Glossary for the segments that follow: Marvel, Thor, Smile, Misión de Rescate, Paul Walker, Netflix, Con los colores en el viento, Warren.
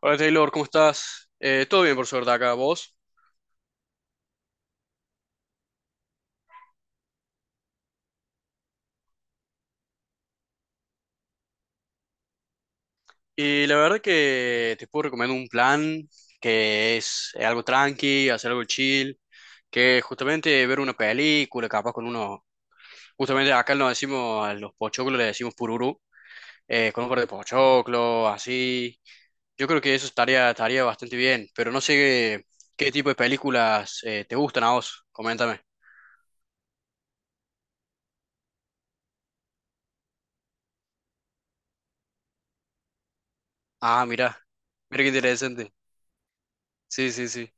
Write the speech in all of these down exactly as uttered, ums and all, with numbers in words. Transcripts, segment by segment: Hola Taylor, ¿cómo estás? Eh, todo bien por suerte acá, vos. Y la verdad que te puedo recomendar un plan que es eh, algo tranqui, hacer algo chill, que es justamente ver una película, capaz con uno, justamente acá nos decimos, a los pochoclos le decimos pururu, eh, con un par de pochoclos, así. Yo creo que eso estaría, estaría bastante bien, pero no sé qué, qué tipo de películas eh, te gustan a vos, coméntame. Ah, mira, mira qué interesante. Sí, sí, sí.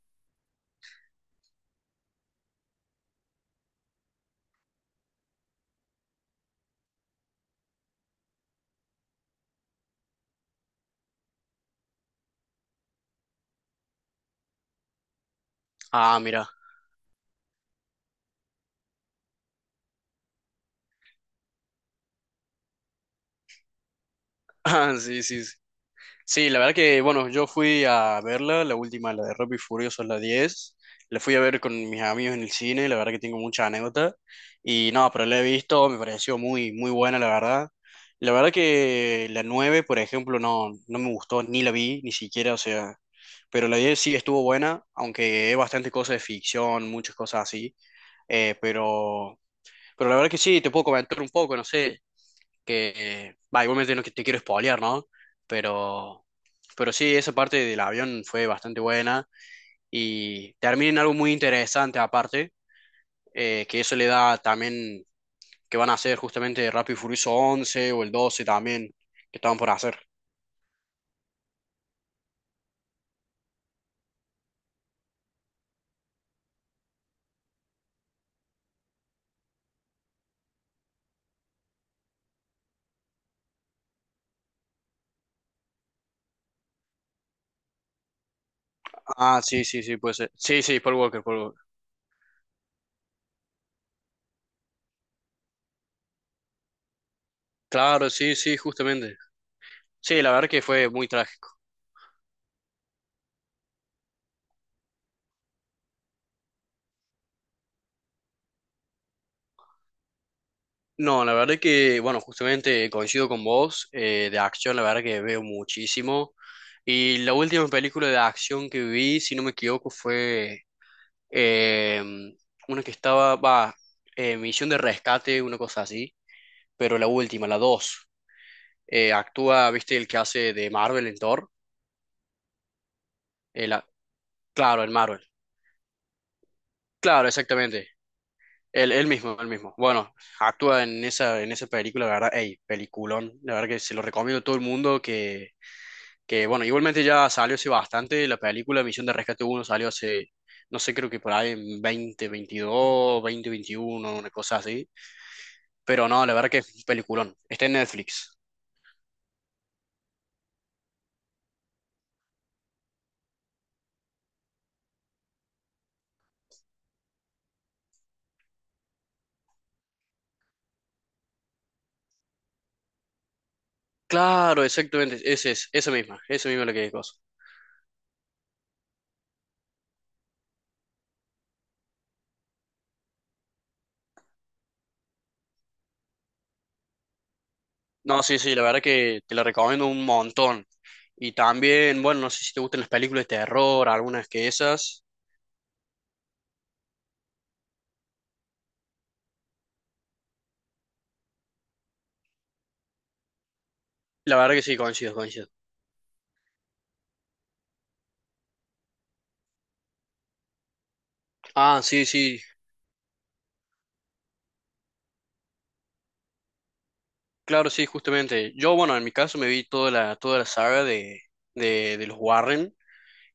Ah, mira. Ah, sí, sí, sí. Sí, la verdad que, bueno, yo fui a verla, la última, la de Rápido y Furioso, la diez. La fui a ver con mis amigos en el cine, la verdad que tengo mucha anécdota. Y no, pero la he visto, me pareció muy, muy buena, la verdad. La verdad que la nueve, por ejemplo, no, no me gustó, ni la vi, ni siquiera, o sea. Pero la diez sí estuvo buena, aunque es bastante cosa de ficción, muchas cosas así. Eh, pero, pero la verdad que sí, te puedo comentar un poco, no sé que, va, igualmente no que te quiero spoilear, ¿no? Pero, pero sí, esa parte del avión fue bastante buena y termina en algo muy interesante aparte, eh, que eso le da también que van a hacer justamente Rápido y Furioso once o el doce también, que estaban por hacer. Ah, sí, sí, sí, puede ser. Sí, sí, Paul Walker, Paul Walker. Claro, sí, sí, justamente. Sí, la verdad que fue muy trágico. No, la verdad que, bueno, justamente coincido con vos, eh, de acción, la verdad que veo muchísimo. Y la última película de acción que vi, si no me equivoco, fue eh, una que estaba, va, eh, Misión de Rescate, una cosa así, pero la última, la dos. Eh, actúa, viste, el que hace de Marvel en Thor. El a- claro, el Marvel. Claro, exactamente. Él, él mismo, él mismo. Bueno, actúa en esa, en esa película, la verdad, ey, peliculón. La verdad que se lo recomiendo a todo el mundo que. Que bueno, igualmente ya salió hace bastante. La película Misión de Rescate uno salió hace, no sé, creo que por ahí en dos mil veintidós, veintiuno una cosa así. Pero no, la verdad que es un peliculón. Está en Netflix. Claro, exactamente. Ese es, esa misma, esa misma es la que cosa. No, sí, sí, la verdad que te la recomiendo un montón. Y también, bueno, no sé si te gustan las películas de terror, algunas que esas. La verdad que sí, coincido, coincido. Ah, sí, sí, claro, sí, justamente. Yo, bueno, en mi caso me vi toda la, toda la, saga de, de, de los Warren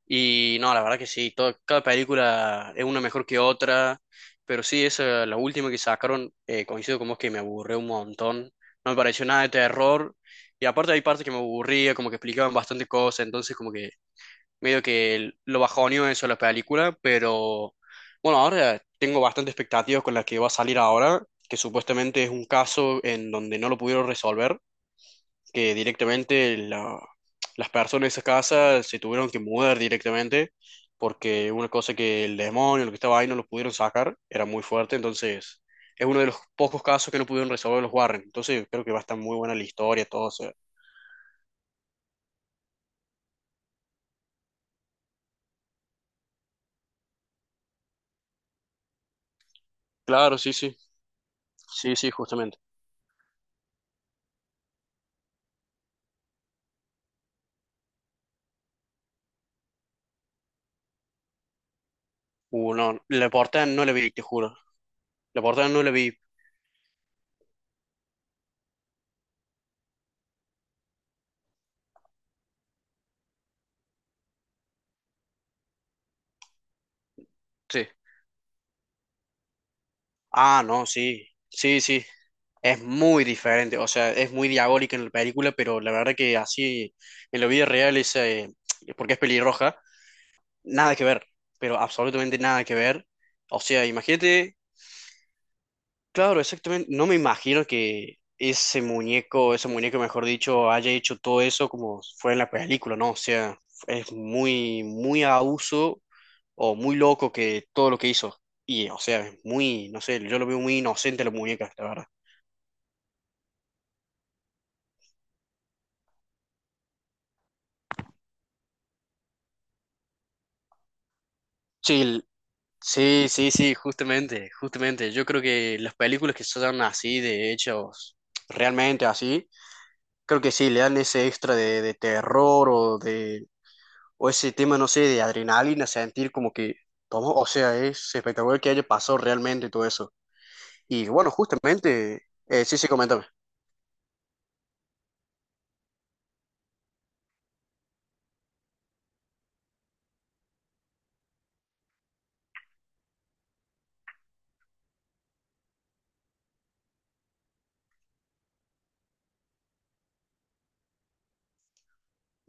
y no, la verdad que sí, todo- cada película es una mejor que otra, pero sí, esa, la última que sacaron, eh, coincido con vos que me aburrió un montón, no me pareció nada de terror y aparte hay partes que me aburría, como que explicaban bastante cosas, entonces como que medio que lo bajoneó eso la película, pero bueno, ahora tengo bastante expectativas con la que va a salir ahora, que supuestamente es un caso en donde no lo pudieron resolver que directamente la- las personas de esa casa se tuvieron que mudar directamente porque una cosa que el demonio, lo que estaba ahí, no lo pudieron sacar, era muy fuerte, entonces es uno de los pocos casos que no pudieron resolver los Warren, entonces creo que va a estar muy buena la historia, todo, o sea, claro, sí, sí, sí, sí, justamente. Uh, no, la portada no la vi, te juro, la portada no la vi, sí. Ah, no, sí, sí, sí, es muy diferente, o sea, es muy diabólica en la película, pero la verdad que así en la vida real es, eh, porque es pelirroja, nada que ver, pero absolutamente nada que ver. O sea, imagínate, claro, exactamente, no me imagino que ese muñeco, ese muñeco, mejor dicho, haya hecho todo eso como fue en la película, ¿no? O sea, es muy, muy abuso o muy loco que todo lo que hizo. Y, o sea, es muy, no sé, yo lo veo muy inocente a la muñeca, la verdad. Sí, sí, sí, sí, justamente, justamente. Yo creo que las películas que son así, de hechos realmente así, creo que sí, le dan ese extra de, de terror o de, o ese tema, no sé, de adrenalina, sentir como que, ¿cómo? O sea, es espectacular que haya pasado realmente todo eso. Y bueno, justamente, eh, sí, sí, coméntame.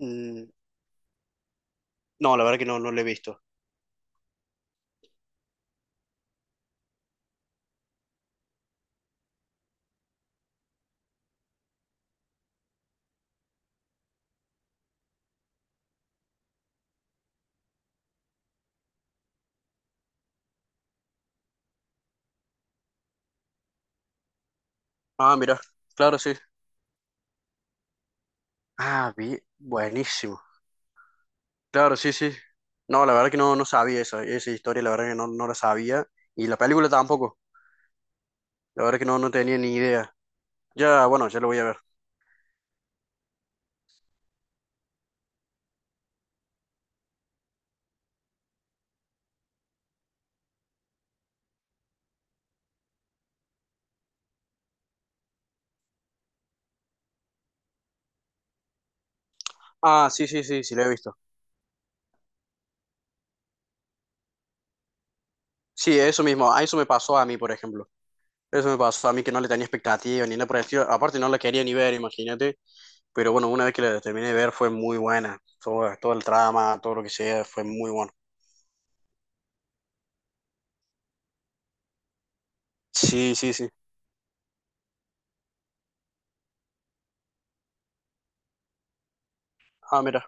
Mm, no, la verdad que no, no lo he visto. Ah, mira, claro, sí. Ah, vi- buenísimo. Claro, sí, sí. No, la verdad que no, no sabía esa, esa historia, la verdad que no, no la sabía. Y la película tampoco. La verdad que no, no tenía ni idea. Ya, bueno, ya lo voy a ver. Ah, sí, sí, sí, sí, lo he visto. Sí, eso mismo. A eso me pasó a mí, por ejemplo. Eso me pasó a mí que no le tenía expectativa ni nada por el estilo. Aparte, no la quería ni ver, imagínate. Pero bueno, una vez que la terminé de ver fue muy buena. Todo, todo el trama, todo lo que sea, fue muy bueno. Sí, sí, sí. Ah, mira.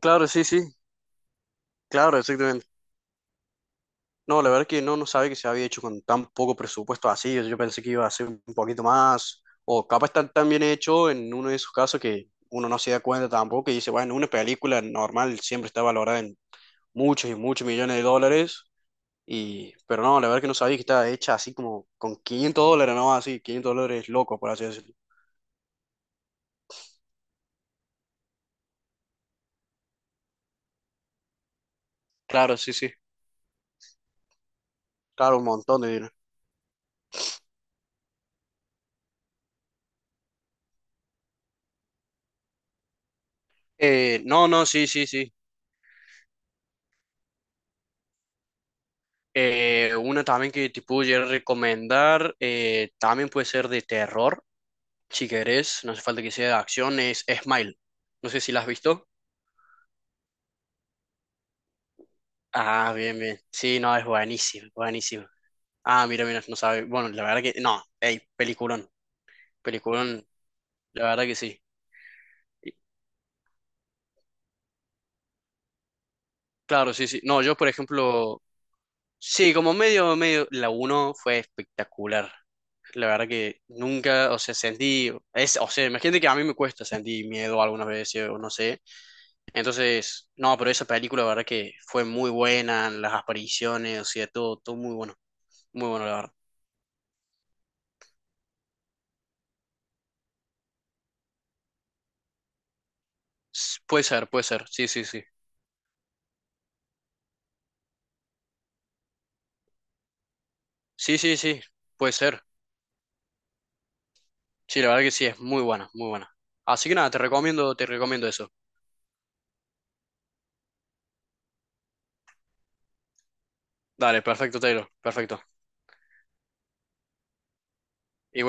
Claro, sí, sí. Claro, exactamente. No, la verdad que no, no sabía que se había hecho con tan poco presupuesto así. Yo pensé que iba a ser un poquito más, o capaz está tan bien hecho en uno de esos casos que uno no se da cuenta tampoco y dice, bueno, una película normal siempre está valorada en muchos y muchos millones de dólares, y, pero no, la verdad que no sabía que estaba hecha así como con quinientos dólares, ¿no? Así, quinientos dólares loco, por así decirlo. Claro, sí, sí. Claro, un montón de dinero. Eh, no, no, sí, sí, sí. Eh, una también que te pudiera recomendar, eh, también puede ser de terror. Si querés, no hace falta que sea de acción, es Smile. No sé si la has visto. Ah, bien, bien. Sí, no, es buenísimo, buenísimo. Ah, mira, mira, no sabe. Bueno, la verdad que no, hey, peliculón, peliculón, la verdad que sí. Y- claro, sí, sí. No, yo, por ejemplo, sí, como medio, medio, la uno fue espectacular. La verdad que nunca, o sea, sentí, es, o sea, imagínate que a mí me cuesta sentir miedo algunas veces, o no sé. Entonces, no, pero esa película, la verdad que fue muy buena, las apariciones, o sea, todo, todo muy bueno, muy bueno, la verdad. S- Puede ser, puede ser, sí, sí, sí. Sí, sí, sí, puede ser. Sí, la verdad que sí, es muy buena, muy buena. Así que nada, te recomiendo, te recomiendo eso. Dale, perfecto, Taylor, perfecto. Igual